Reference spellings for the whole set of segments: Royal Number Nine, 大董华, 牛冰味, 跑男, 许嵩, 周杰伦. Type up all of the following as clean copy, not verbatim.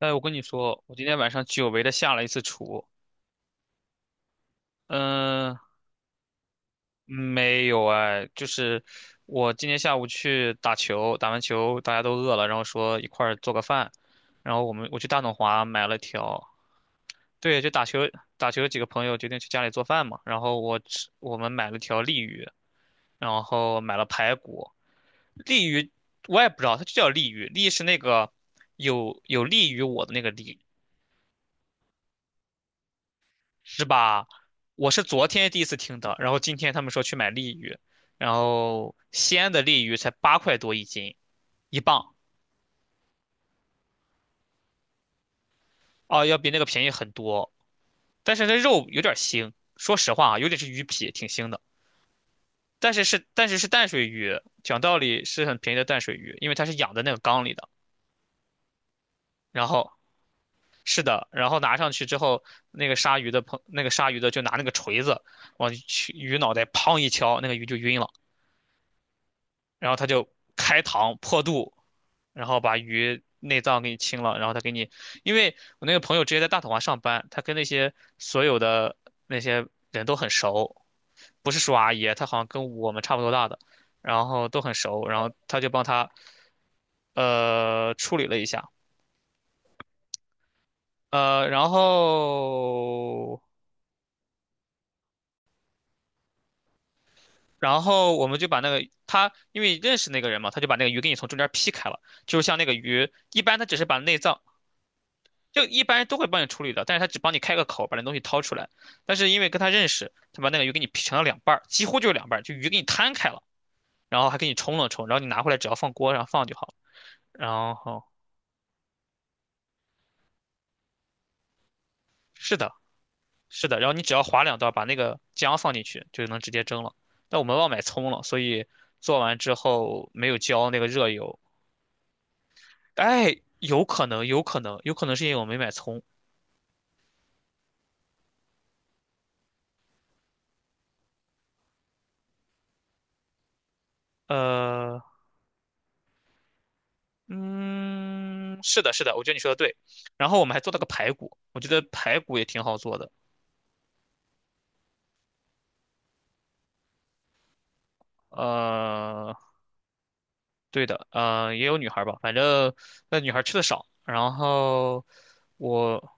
哎，我跟你说，我今天晚上久违的下了一次厨。嗯，没有哎，就是我今天下午去打球，打完球大家都饿了，然后说一块儿做个饭，然后我去大董华买了条，对，就打球几个朋友决定去家里做饭嘛，然后我们买了条鲤鱼，然后买了排骨，鲤鱼我也不知道，它就叫鲤鱼，鲤是那个有利于我的那个鲤，是吧？我是昨天第一次听的，然后今天他们说去买鲤鱼，然后西安的鲤鱼才8块多一斤，1磅，哦，要比那个便宜很多。但是那肉有点腥，说实话啊，有点是鱼皮，挺腥的。但是是淡水鱼，讲道理是很便宜的淡水鱼，因为它是养在那个缸里的。然后是的，然后拿上去之后，那个杀鱼的朋那个杀鱼的就拿那个锤子往去鱼脑袋砰一敲，那个鱼就晕了，然后他就开膛破肚，然后把鱼内脏给你清了，然后他给你，因为我那个朋友直接在大统华上班，他跟那些所有的那些人都很熟，不是叔阿姨，他好像跟我们差不多大的，然后都很熟，然后他就帮他处理了一下，呃，然后然后我们就把那个他因为认识那个人嘛，他就把那个鱼给你从中间劈开了，就是像那个鱼一般，他只是把内脏就一般人都会帮你处理的，但是他只帮你开个口，把那东西掏出来。但是因为跟他认识，他把那个鱼给你劈成了两半儿，几乎就是两半儿，就鱼给你摊开了，然后还给你冲了冲，然后你拿回来只要放锅上放就好了。然后是的，是的，然后你只要划两刀，把那个姜放进去，就能直接蒸了。但我们忘买葱了，所以做完之后没有浇那个热油。哎，有可能，有可能，有可能是因为我没买葱。呃，嗯，是的，是的，我觉得你说的对。然后我们还做了个排骨，我觉得排骨也挺好做的。呃，对的，也有女孩儿吧，反正那女孩儿吃的少。然后我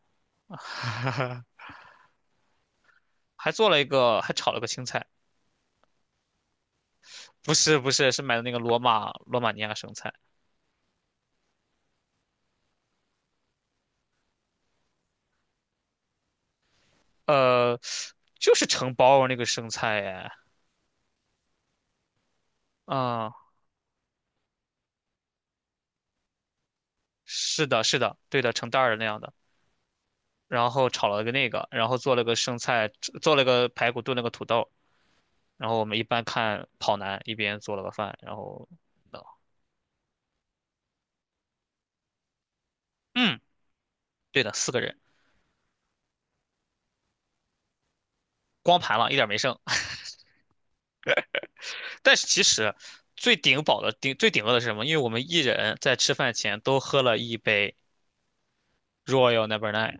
还做了一个，还炒了个青菜，不是不是，是买的那个罗马尼亚生菜，呃，就是成包儿那个生菜哎，啊、是的，是的，对的，成袋儿的那样的。然后炒了个那个，然后做了个生菜，做了个排骨炖了个土豆，然后我们一般看跑男，一边做了个饭，然后，嗯，嗯对的，4个人光盘了，一点没剩。但是其实最顶饿的是什么？因为我们一人在吃饭前都喝了一杯 Royal Number Nine。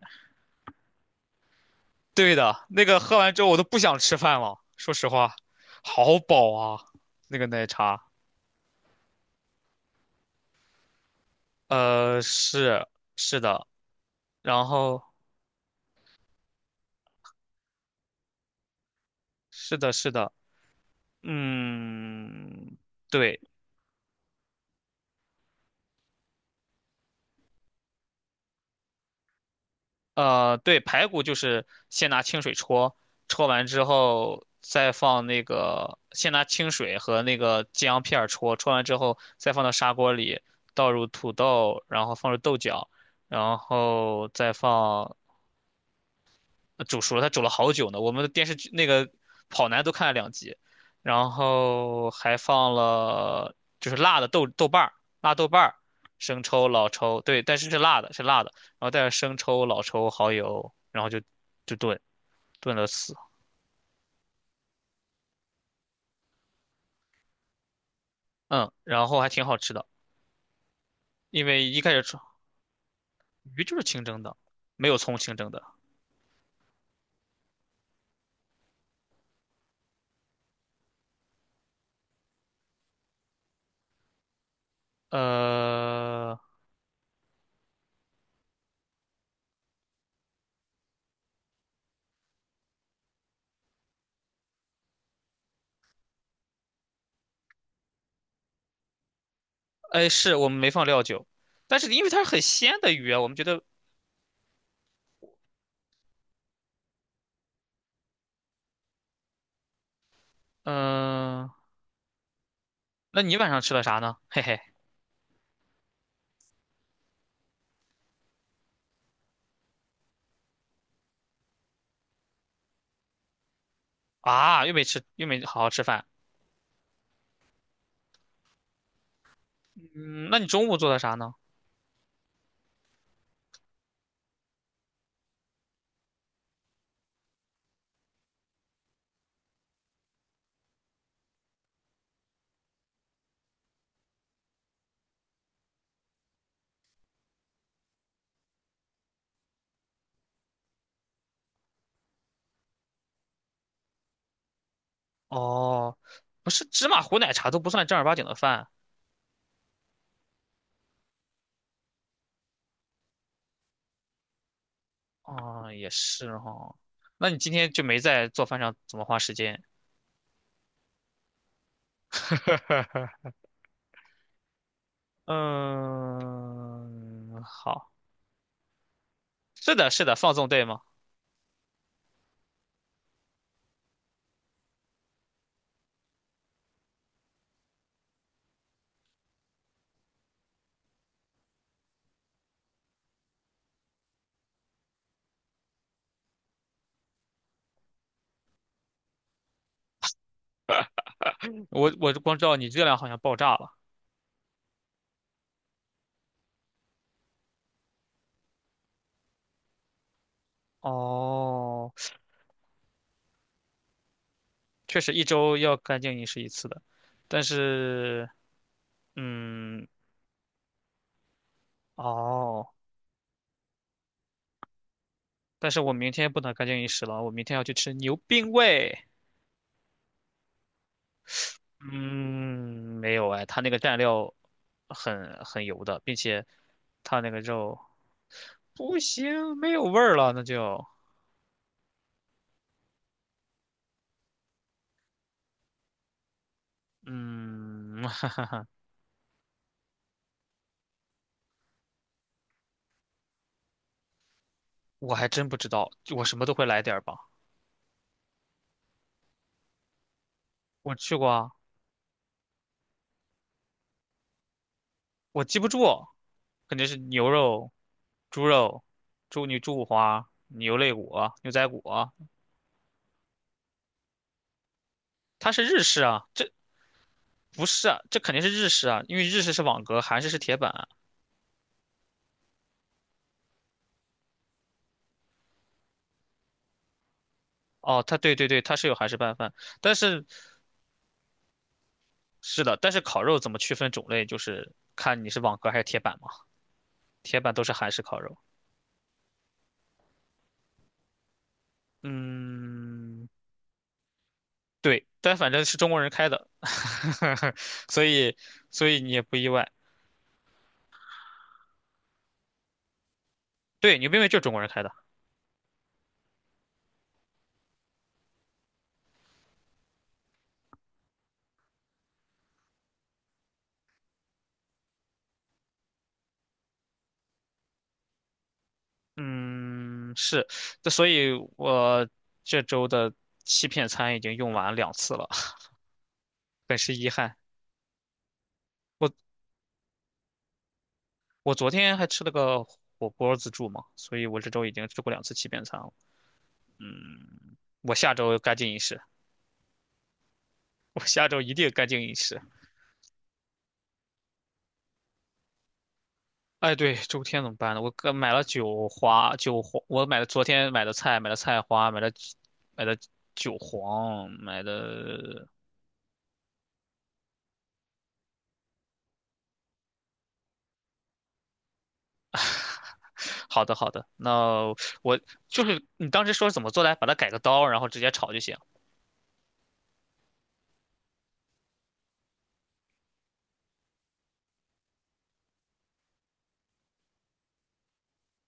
对的，那个喝完之后我都不想吃饭了，说实话，好饱啊，那个奶茶。呃，是是的，然后是的是的，嗯，对，对，排骨就是先拿清水焯，焯完之后再放那个，先拿清水和那个姜片儿焯，焯完之后再放到砂锅里，倒入土豆，然后放入豆角，然后再放煮熟了，它煮了好久呢。我们的电视剧那个跑男都看了2集，然后还放了就是辣豆瓣儿、生抽、老抽，对，但是是辣的，是辣的，然后带着生抽、老抽、蚝油，然后就炖了死，嗯，然后还挺好吃的，因为一开始吃鱼就是清蒸的，没有葱清蒸的，呃，哎，是我们没放料酒，但是因为它是很鲜的鱼啊，我们觉得，嗯、那你晚上吃了啥呢？嘿嘿。啊，又没吃，又没好好吃饭。嗯，那你中午做的啥呢？哦，不是芝麻糊奶茶都不算正儿八经的饭。哦，也是哈。那你今天就没在做饭上怎么花时间？嗯，好，是的，是的，放纵对吗？我光知道你热量好像爆炸了。哦，确实一周要干净饮食一次的，但是，嗯，哦。但是我明天不能干净饮食了，我明天要去吃牛冰味。嗯，没有哎，它那个蘸料很油的，并且它那个肉不行，没有味儿了，那就嗯，我还真不知道，我什么都会来点儿吧。我去过啊，我记不住，肯定是牛肉、猪肉、猪牛猪五花、牛肋骨、牛仔骨，它是日式啊，这不是啊，这肯定是日式啊，因为日式是网格，韩式是铁板。哦，它对对对，它是有韩式拌饭，但是是的，但是烤肉怎么区分种类，就是看你是网格还是铁板嘛。铁板都是韩式烤肉，嗯，对，但反正是中国人开的，所以所以你也不意外。对，牛冰味就是中国人开的，嗯，是，所以我这周的欺骗餐已经用完两次了，很是遗憾。我我昨天还吃了个火锅自助嘛，所以我这周已经吃过两次欺骗餐了，嗯。我下周干净饮食，我下周一定干净饮食。哎，对，周天怎么办呢？我刚买了韭花，韭黄，我买了昨天买的菜，买了菜花，买的韭黄，买的。好的，好的，那我就是你当时说怎么做来，把它改个刀，然后直接炒就行。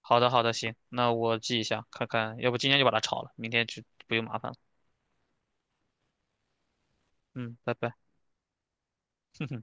好的，好的，行，那我记一下，看看，要不今天就把它炒了，明天就不用麻烦了。嗯，拜拜。哼哼。